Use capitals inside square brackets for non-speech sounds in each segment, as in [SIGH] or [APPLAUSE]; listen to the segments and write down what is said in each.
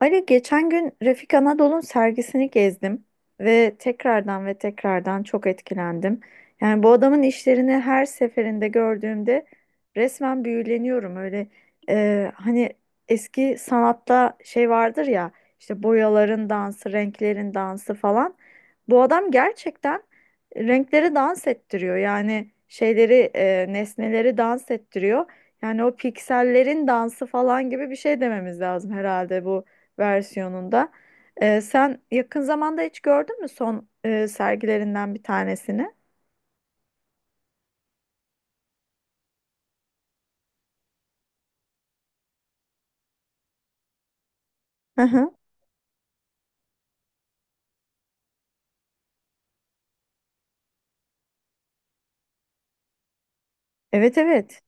Ali geçen gün Refik Anadol'un sergisini gezdim ve tekrardan ve tekrardan çok etkilendim. Yani bu adamın işlerini her seferinde gördüğümde resmen büyüleniyorum. Öyle hani eski sanatta şey vardır ya, işte boyaların dansı, renklerin dansı falan. Bu adam gerçekten renkleri dans ettiriyor. Yani şeyleri, nesneleri dans ettiriyor. Yani o piksellerin dansı falan gibi bir şey dememiz lazım herhalde bu versiyonunda. Sen yakın zamanda hiç gördün mü son sergilerinden bir tanesini? Hı hı. Evet, evet.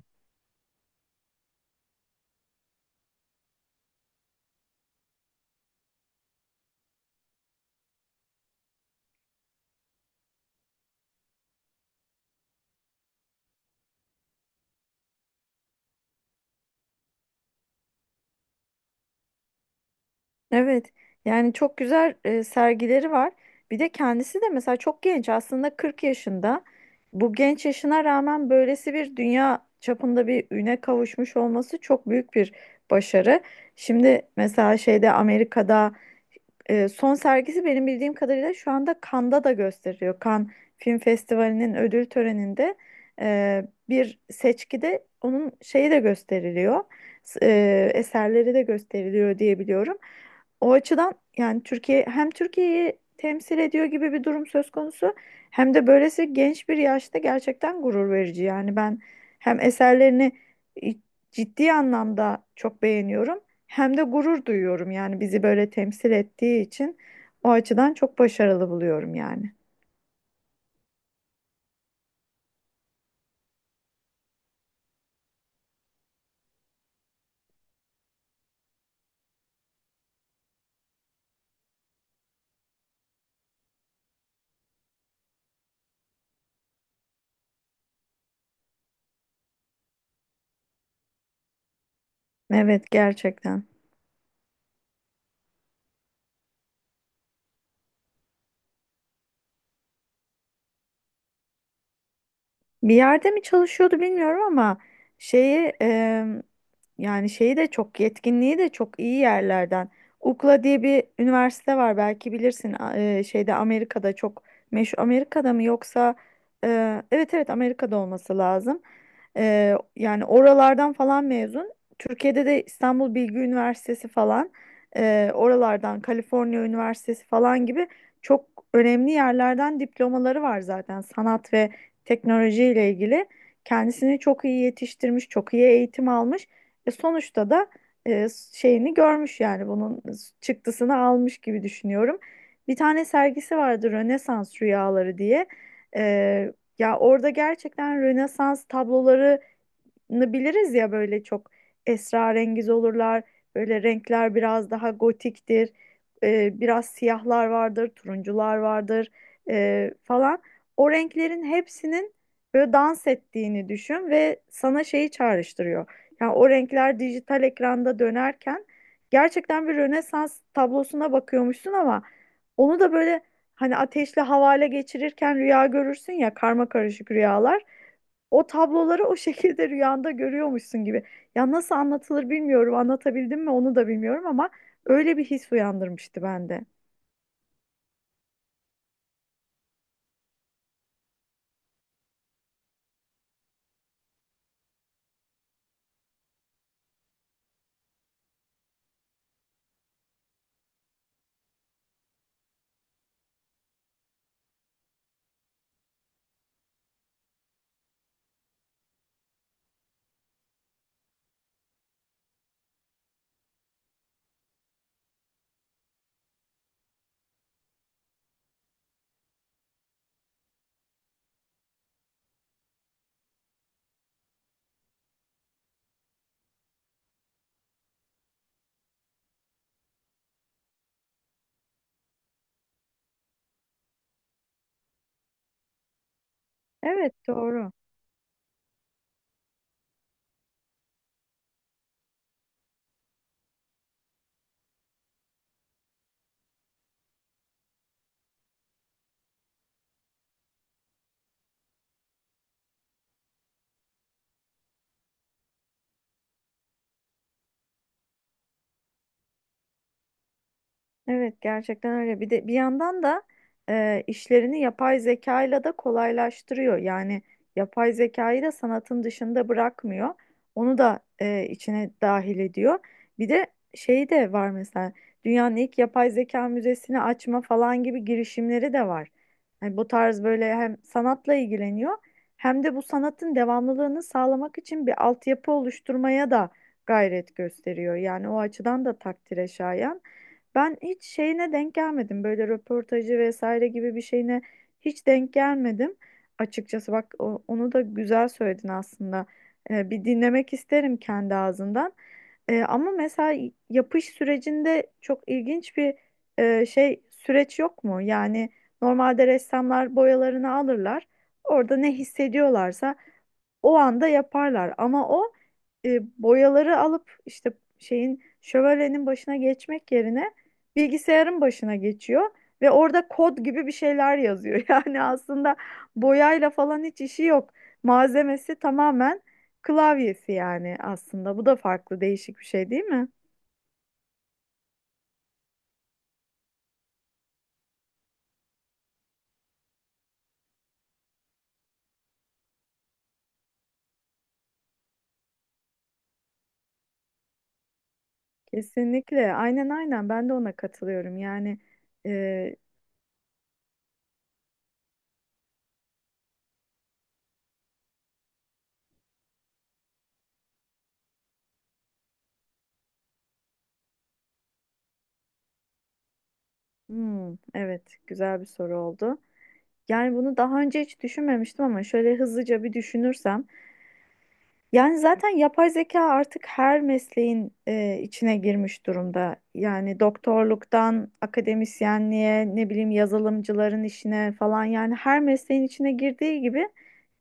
Evet. Yani çok güzel sergileri var. Bir de kendisi de mesela çok genç, aslında 40 yaşında. Bu genç yaşına rağmen böylesi bir dünya çapında bir üne kavuşmuş olması çok büyük bir başarı. Şimdi mesela şeyde, Amerika'da, son sergisi benim bildiğim kadarıyla şu anda Cannes'da da gösteriliyor. Cannes Film Festivali'nin ödül töreninde bir seçkide onun şeyi de gösteriliyor. Eserleri de gösteriliyor diye biliyorum. O açıdan yani Türkiye, hem Türkiye'yi temsil ediyor gibi bir durum söz konusu, hem de böylesi genç bir yaşta gerçekten gurur verici. Yani ben hem eserlerini e, ciddi anlamda çok beğeniyorum. Hem de gurur duyuyorum yani, bizi böyle temsil ettiği için o açıdan çok başarılı buluyorum yani. Evet, gerçekten. Bir yerde mi çalışıyordu bilmiyorum ama şeyi yani şeyi de, çok yetkinliği de çok iyi yerlerden. UCLA diye bir üniversite var, belki bilirsin, şeyde, Amerika'da çok meşhur. Amerika'da mı yoksa evet, evet, Amerika'da olması lazım. Yani oralardan falan mezun. Türkiye'de de İstanbul Bilgi Üniversitesi falan, oralardan, Kaliforniya Üniversitesi falan gibi çok önemli yerlerden diplomaları var zaten. Sanat ve teknolojiyle ilgili kendisini çok iyi yetiştirmiş, çok iyi eğitim almış. Sonuçta da e, şeyini görmüş yani, bunun çıktısını almış gibi düşünüyorum. Bir tane sergisi vardı, Rönesans Rüyaları diye. E, Ya orada gerçekten, Rönesans tabloları biliriz ya, böyle çok esrarengiz olurlar. Böyle renkler biraz daha gotiktir. Biraz siyahlar vardır, turuncular vardır falan. O renklerin hepsinin böyle dans ettiğini düşün, ve sana şeyi çağrıştırıyor. Yani o renkler dijital ekranda dönerken gerçekten bir Rönesans tablosuna bakıyormuşsun, ama onu da böyle, hani ateşle havale geçirirken rüya görürsün ya, karma karışık rüyalar. O tabloları o şekilde rüyanda görüyormuşsun gibi. Ya nasıl anlatılır bilmiyorum. Anlatabildim mi onu da bilmiyorum, ama öyle bir his uyandırmıştı bende. Evet, doğru. Evet, gerçekten öyle. Bir de bir yandan da işlerini yapay zekayla da kolaylaştırıyor. Yani yapay zekayı da sanatın dışında bırakmıyor. Onu da içine dahil ediyor. Bir de şey de var mesela, dünyanın ilk yapay zeka müzesini açma falan gibi girişimleri de var. Hani bu tarz böyle, hem sanatla ilgileniyor, hem de bu sanatın devamlılığını sağlamak için bir altyapı oluşturmaya da gayret gösteriyor. Yani o açıdan da takdire şayan. Ben hiç şeyine denk gelmedim. Böyle röportajı vesaire gibi bir şeyine hiç denk gelmedim. Açıkçası bak, onu da güzel söyledin aslında. Bir dinlemek isterim kendi ağzından. Ama mesela yapış sürecinde çok ilginç bir şey süreç yok mu? Yani normalde ressamlar boyalarını alırlar. Orada ne hissediyorlarsa o anda yaparlar, ama o boyaları alıp, işte şeyin, şövalyenin başına geçmek yerine bilgisayarın başına geçiyor ve orada kod gibi bir şeyler yazıyor. [LAUGHS] Yani aslında boyayla falan hiç işi yok. Malzemesi tamamen klavyesi yani, aslında. Bu da farklı, değişik bir şey değil mi? Kesinlikle. Aynen, aynen, ben de ona katılıyorum. Yani e, evet, güzel bir soru oldu. Yani bunu daha önce hiç düşünmemiştim ama şöyle hızlıca bir düşünürsem, yani zaten yapay zeka artık her mesleğin içine girmiş durumda. Yani doktorluktan akademisyenliğe, ne bileyim yazılımcıların işine falan, yani her mesleğin içine girdiği gibi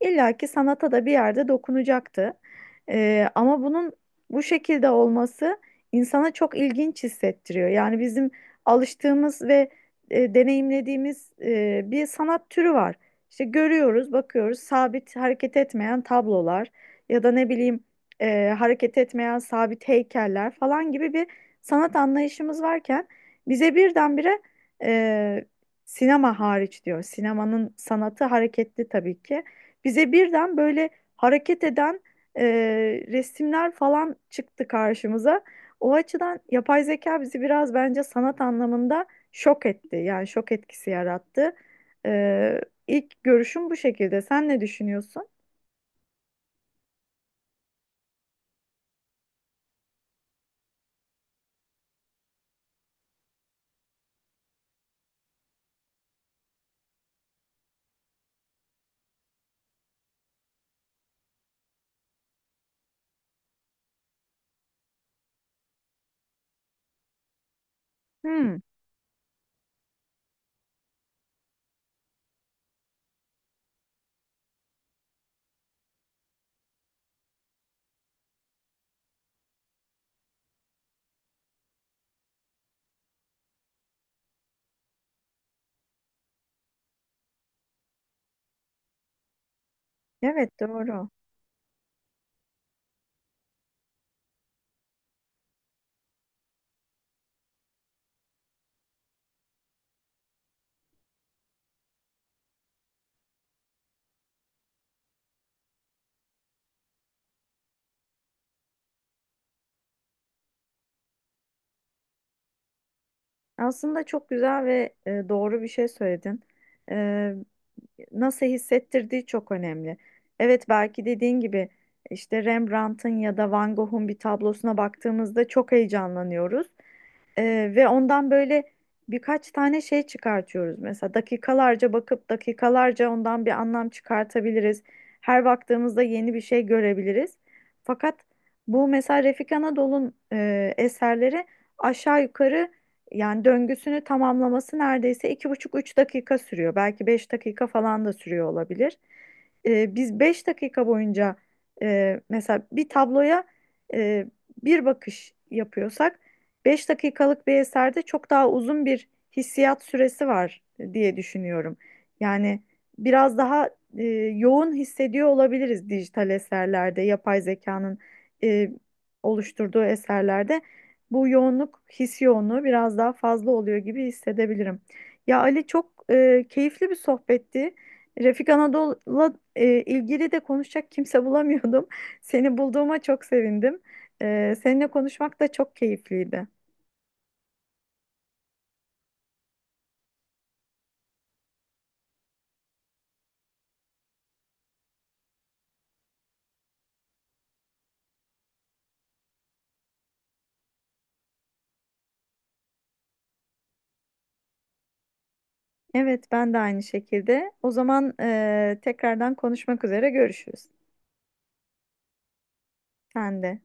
illaki sanata da bir yerde dokunacaktı. Ama bunun bu şekilde olması insana çok ilginç hissettiriyor. Yani bizim alıştığımız ve deneyimlediğimiz bir sanat türü var. İşte görüyoruz, bakıyoruz, sabit, hareket etmeyen tablolar ya da ne bileyim hareket etmeyen sabit heykeller falan gibi bir sanat anlayışımız varken bize birdenbire, e, sinema hariç diyor, sinemanın sanatı hareketli tabii ki. Bize birden böyle hareket eden e, resimler falan çıktı karşımıza. O açıdan yapay zeka bizi biraz bence sanat anlamında şok etti. Yani şok etkisi yarattı. Ee, ilk görüşüm bu şekilde. Sen ne düşünüyorsun? Hmm, evet, doğru. Aslında çok güzel ve doğru bir şey söyledin. E, Nasıl hissettirdiği çok önemli. Evet, belki dediğin gibi, işte Rembrandt'ın ya da Van Gogh'un bir tablosuna baktığımızda çok heyecanlanıyoruz. Ve ondan böyle birkaç tane şey çıkartıyoruz. Mesela dakikalarca bakıp dakikalarca ondan bir anlam çıkartabiliriz. Her baktığımızda yeni bir şey görebiliriz. Fakat bu mesela Refik Anadol'un eserleri aşağı yukarı, yani döngüsünü tamamlaması neredeyse 2,5-3 dakika sürüyor. Belki 5 dakika falan da sürüyor olabilir. Biz 5 dakika boyunca mesela bir tabloya e, bir bakış yapıyorsak, 5 dakikalık bir eserde çok daha uzun bir hissiyat süresi var diye düşünüyorum. Yani biraz daha e, yoğun hissediyor olabiliriz dijital eserlerde, yapay zekanın e, oluşturduğu eserlerde. Bu yoğunluk, his yoğunluğu biraz daha fazla oluyor gibi hissedebilirim. Ya Ali, çok keyifli bir sohbetti. Refik Anadolu'la ilgili de konuşacak kimse bulamıyordum. [LAUGHS] Seni bulduğuma çok sevindim. Seninle konuşmak da çok keyifliydi. Evet, ben de aynı şekilde. O zaman tekrardan konuşmak üzere görüşürüz. Sen de.